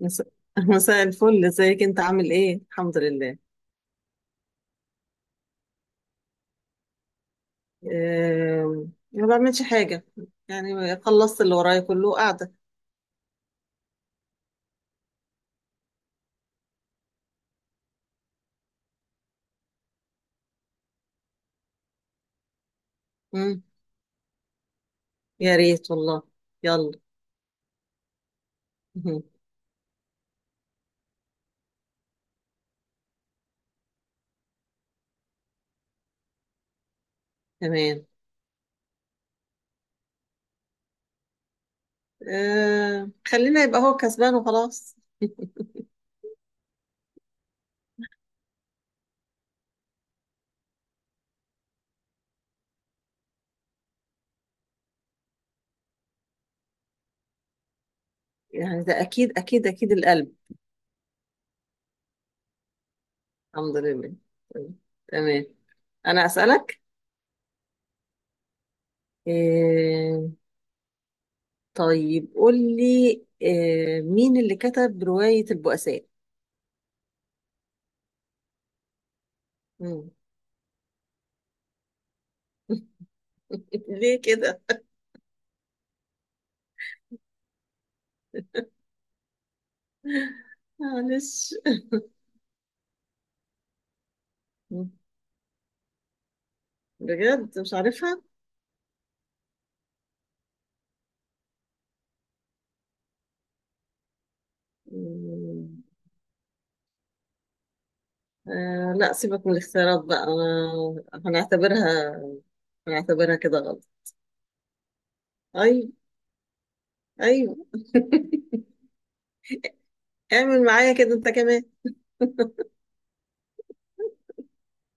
مس- مساء الفل، ازيك؟ انت عامل ايه؟ الحمد لله. ما بعملش حاجة. يعني خلصت اللي ورايا، كله قاعدة. مم، يا ريت والله. يلا. مهم. تمام أم، خلينا يبقى هو كسبان وخلاص يعني ده اكيد اكيد اكيد القلب الحمد لله طيب، تمام. انا اسألك. أم، طيب قول لي. مين اللي كتب رواية البؤساء؟ مم. ليه كده؟ معلش. مم. بجد مش عارفها. مم. آه لا، سيبك من الاختيارات بقى، أنا هنعتبرها، كده غلط. أيوة، أيوة. اعمل معايا كده أنت كمان.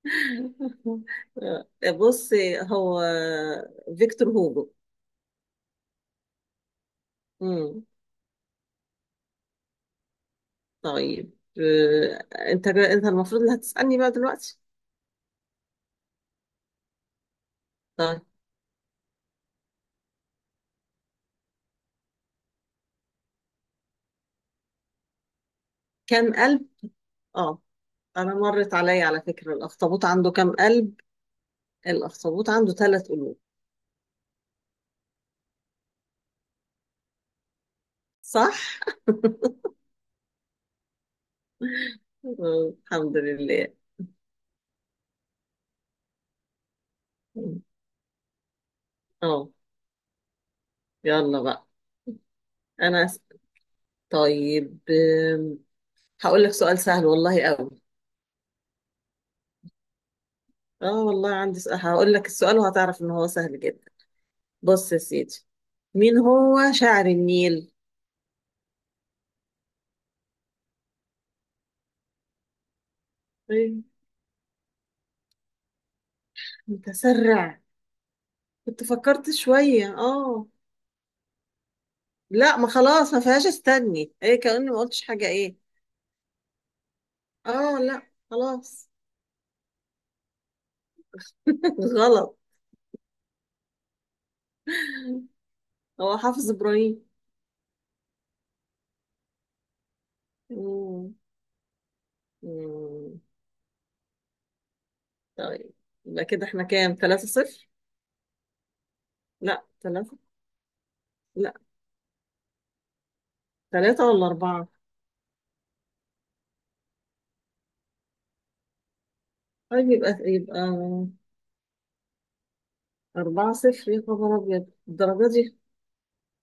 بص، هو فيكتور هوجو. مم. طيب. أنت المفروض اللي هتسألني بقى دلوقتي. طيب، كام قلب؟ أه. أنا مرت عليا على فكرة، الأخطبوط عنده كام قلب؟ الأخطبوط عنده ثلاث قلوب. صح؟ آه، الحمد لله. اه، يلا بقى. انا أس... طيب، هقول لك سؤال سهل والله قوي. اه والله عندي سؤال، هقول لك السؤال وهتعرف ان هو سهل جدا. بص يا سيدي. مين هو شاعر النيل؟ إيه، متسرع. كنت فكرت شوية، اه. لا، ما خلاص، ما فيهاش استني ايه كأني ما قلتش حاجة ايه. اه لا خلاص. غلط. هو حافظ ابراهيم. مم. مم. طيب، يبقى كده احنا كام؟ ثلاثة صفر. لا، ثلاثة. لا، ثلاثة ولا أربعة. طيب، يبقى أربعة صفر، يا خبر أبيض الدرجة دي.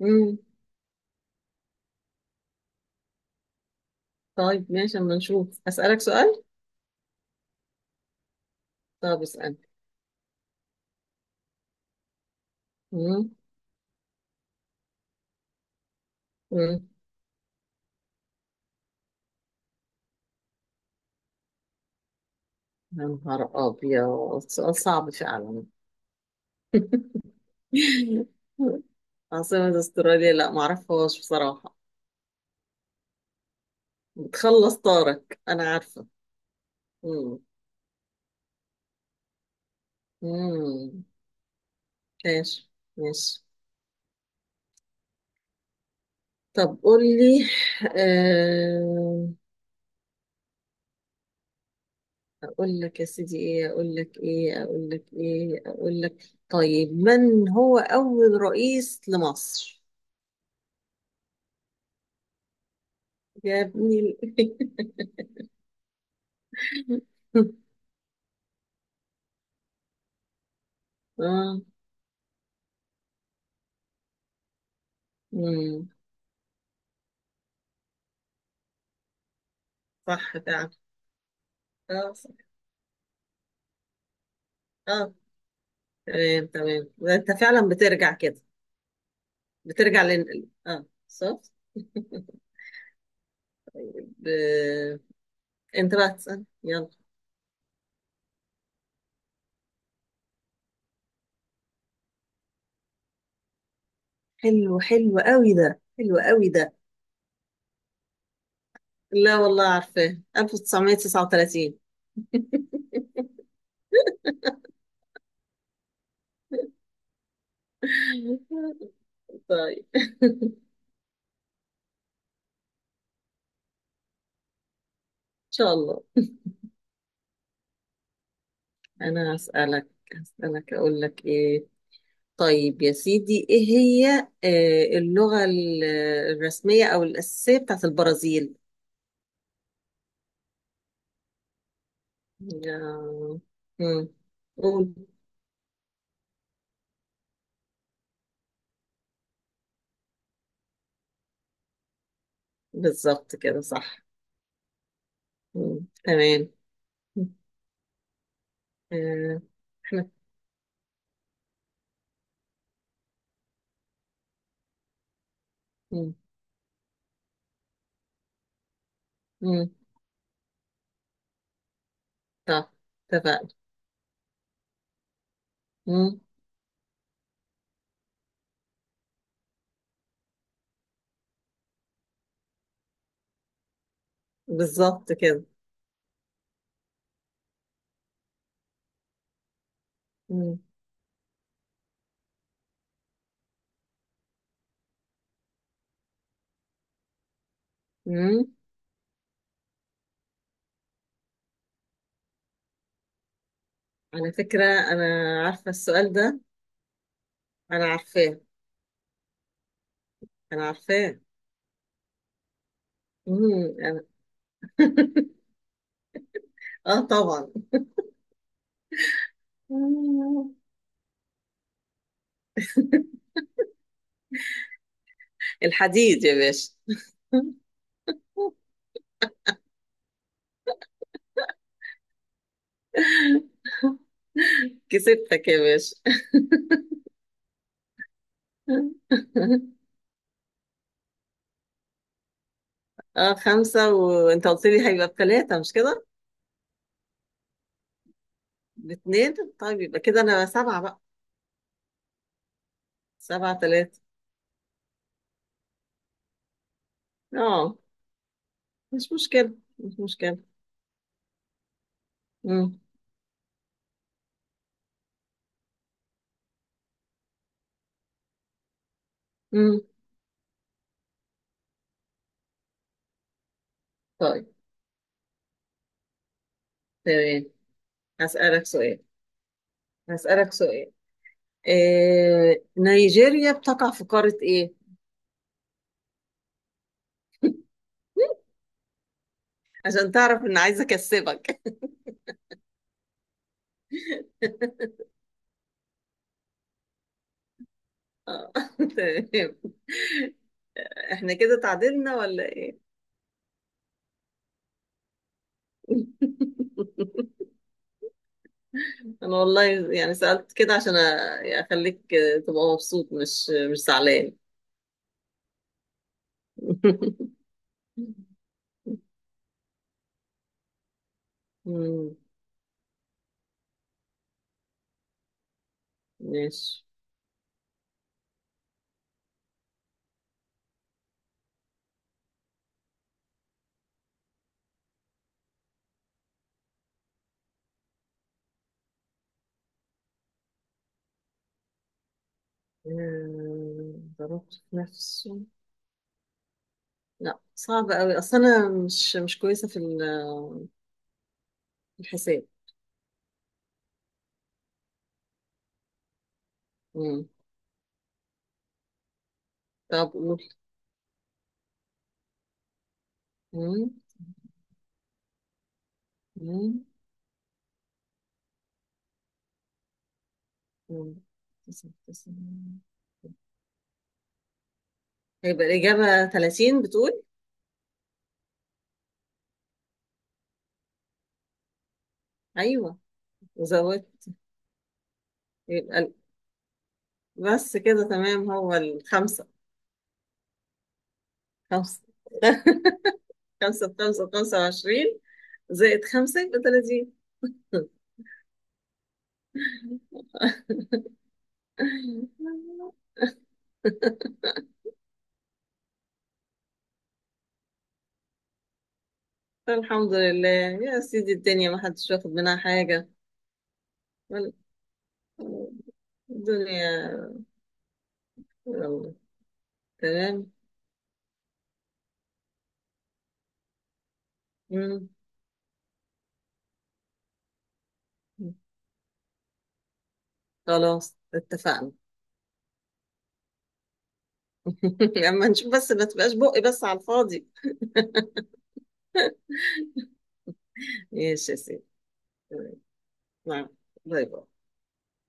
مم. طيب ماشي، أما نشوف، أسألك سؤال. طب اسأل. مم. مم. يا نهار أبيض، سؤال صعب فعلا. عاصمة استراليا، لا معرفهاش بصراحة. بتخلص طارق أنا عارفة. مم. مم. ماشي، ماشي. طب قول لي. آه، اقول لك يا سيدي ايه، اقول لك ايه، اقول لك ايه، اقول لك طيب، من هو اول رئيس لمصر؟ يا ابني. ال- اه، امم، صح فعلا. اه صح. اه. تمام تمام، ده انت فعلا بترجع كده. بترجع لن، اه صح. طيب، انت بقى تسأل يلا. حلو، حلو قوي ده، حلو قوي ده. لا والله عارفاه 1939. طيب، ان شاء الله. انا هسألك، اقول لك ايه. طيب يا سيدي، ايه هي اللغة الرسمية او الاساسية بتاعت البرازيل؟ آه، مم. قول. بالظبط كده صح. مم. تمام. آه، احنا. مم. مم. طب، اتفقنا. مم. بالظبط كده. مم. مم. على فكرة، انا عارفة السؤال ده. انا عارفاه، انا عارفاه. مم. اه طبعا. الحديد يا باشا. كسبتك يا باشا. اه، خمسة، وانت قلت لي هيبقى بثلاثة مش كده؟ باتنين. طيب، يبقى كده انا سبعة بقى. سبعة ثلاثة. اه، مش مشكلة، مش مشكلة. مم. مم. طيب تمام، هسألك سؤال هسألك سؤال. نيجيريا بتقع في قارة ايه؟ عشان تعرف ان عايزة اكسبك. اه، تمام. احنا كده تعادلنا ولا ايه؟ انا والله يعني سألت كده عشان يعني اخليك تبقى مبسوط، مش زعلان. مم، ماشي. ضربت في نفسه. لا، صعب قوي، اصل انا مش كويسة في في الحساب. مم. طب قول. مم، مم، مم. تسعة، تسعة. هيبقى الإجابة 30 بتقول. أيوه. وزودت. يبقى بس كده تمام، هو الخمسة. خمسة. خمسة بخمسة بخمسة وعشرين، زائد خمسة يبقى تلاتين. الحمد لله يا سيدي، الدنيا ما حدش واخد منها حاجة. ولا- الدنيا. يلا. تمام. مم. خلاص، اتفقنا. لما نشوف بس، ما تبقاش بقي بس على الفاضي. ماشي يا سيدي. تمام. نعم. باي باي.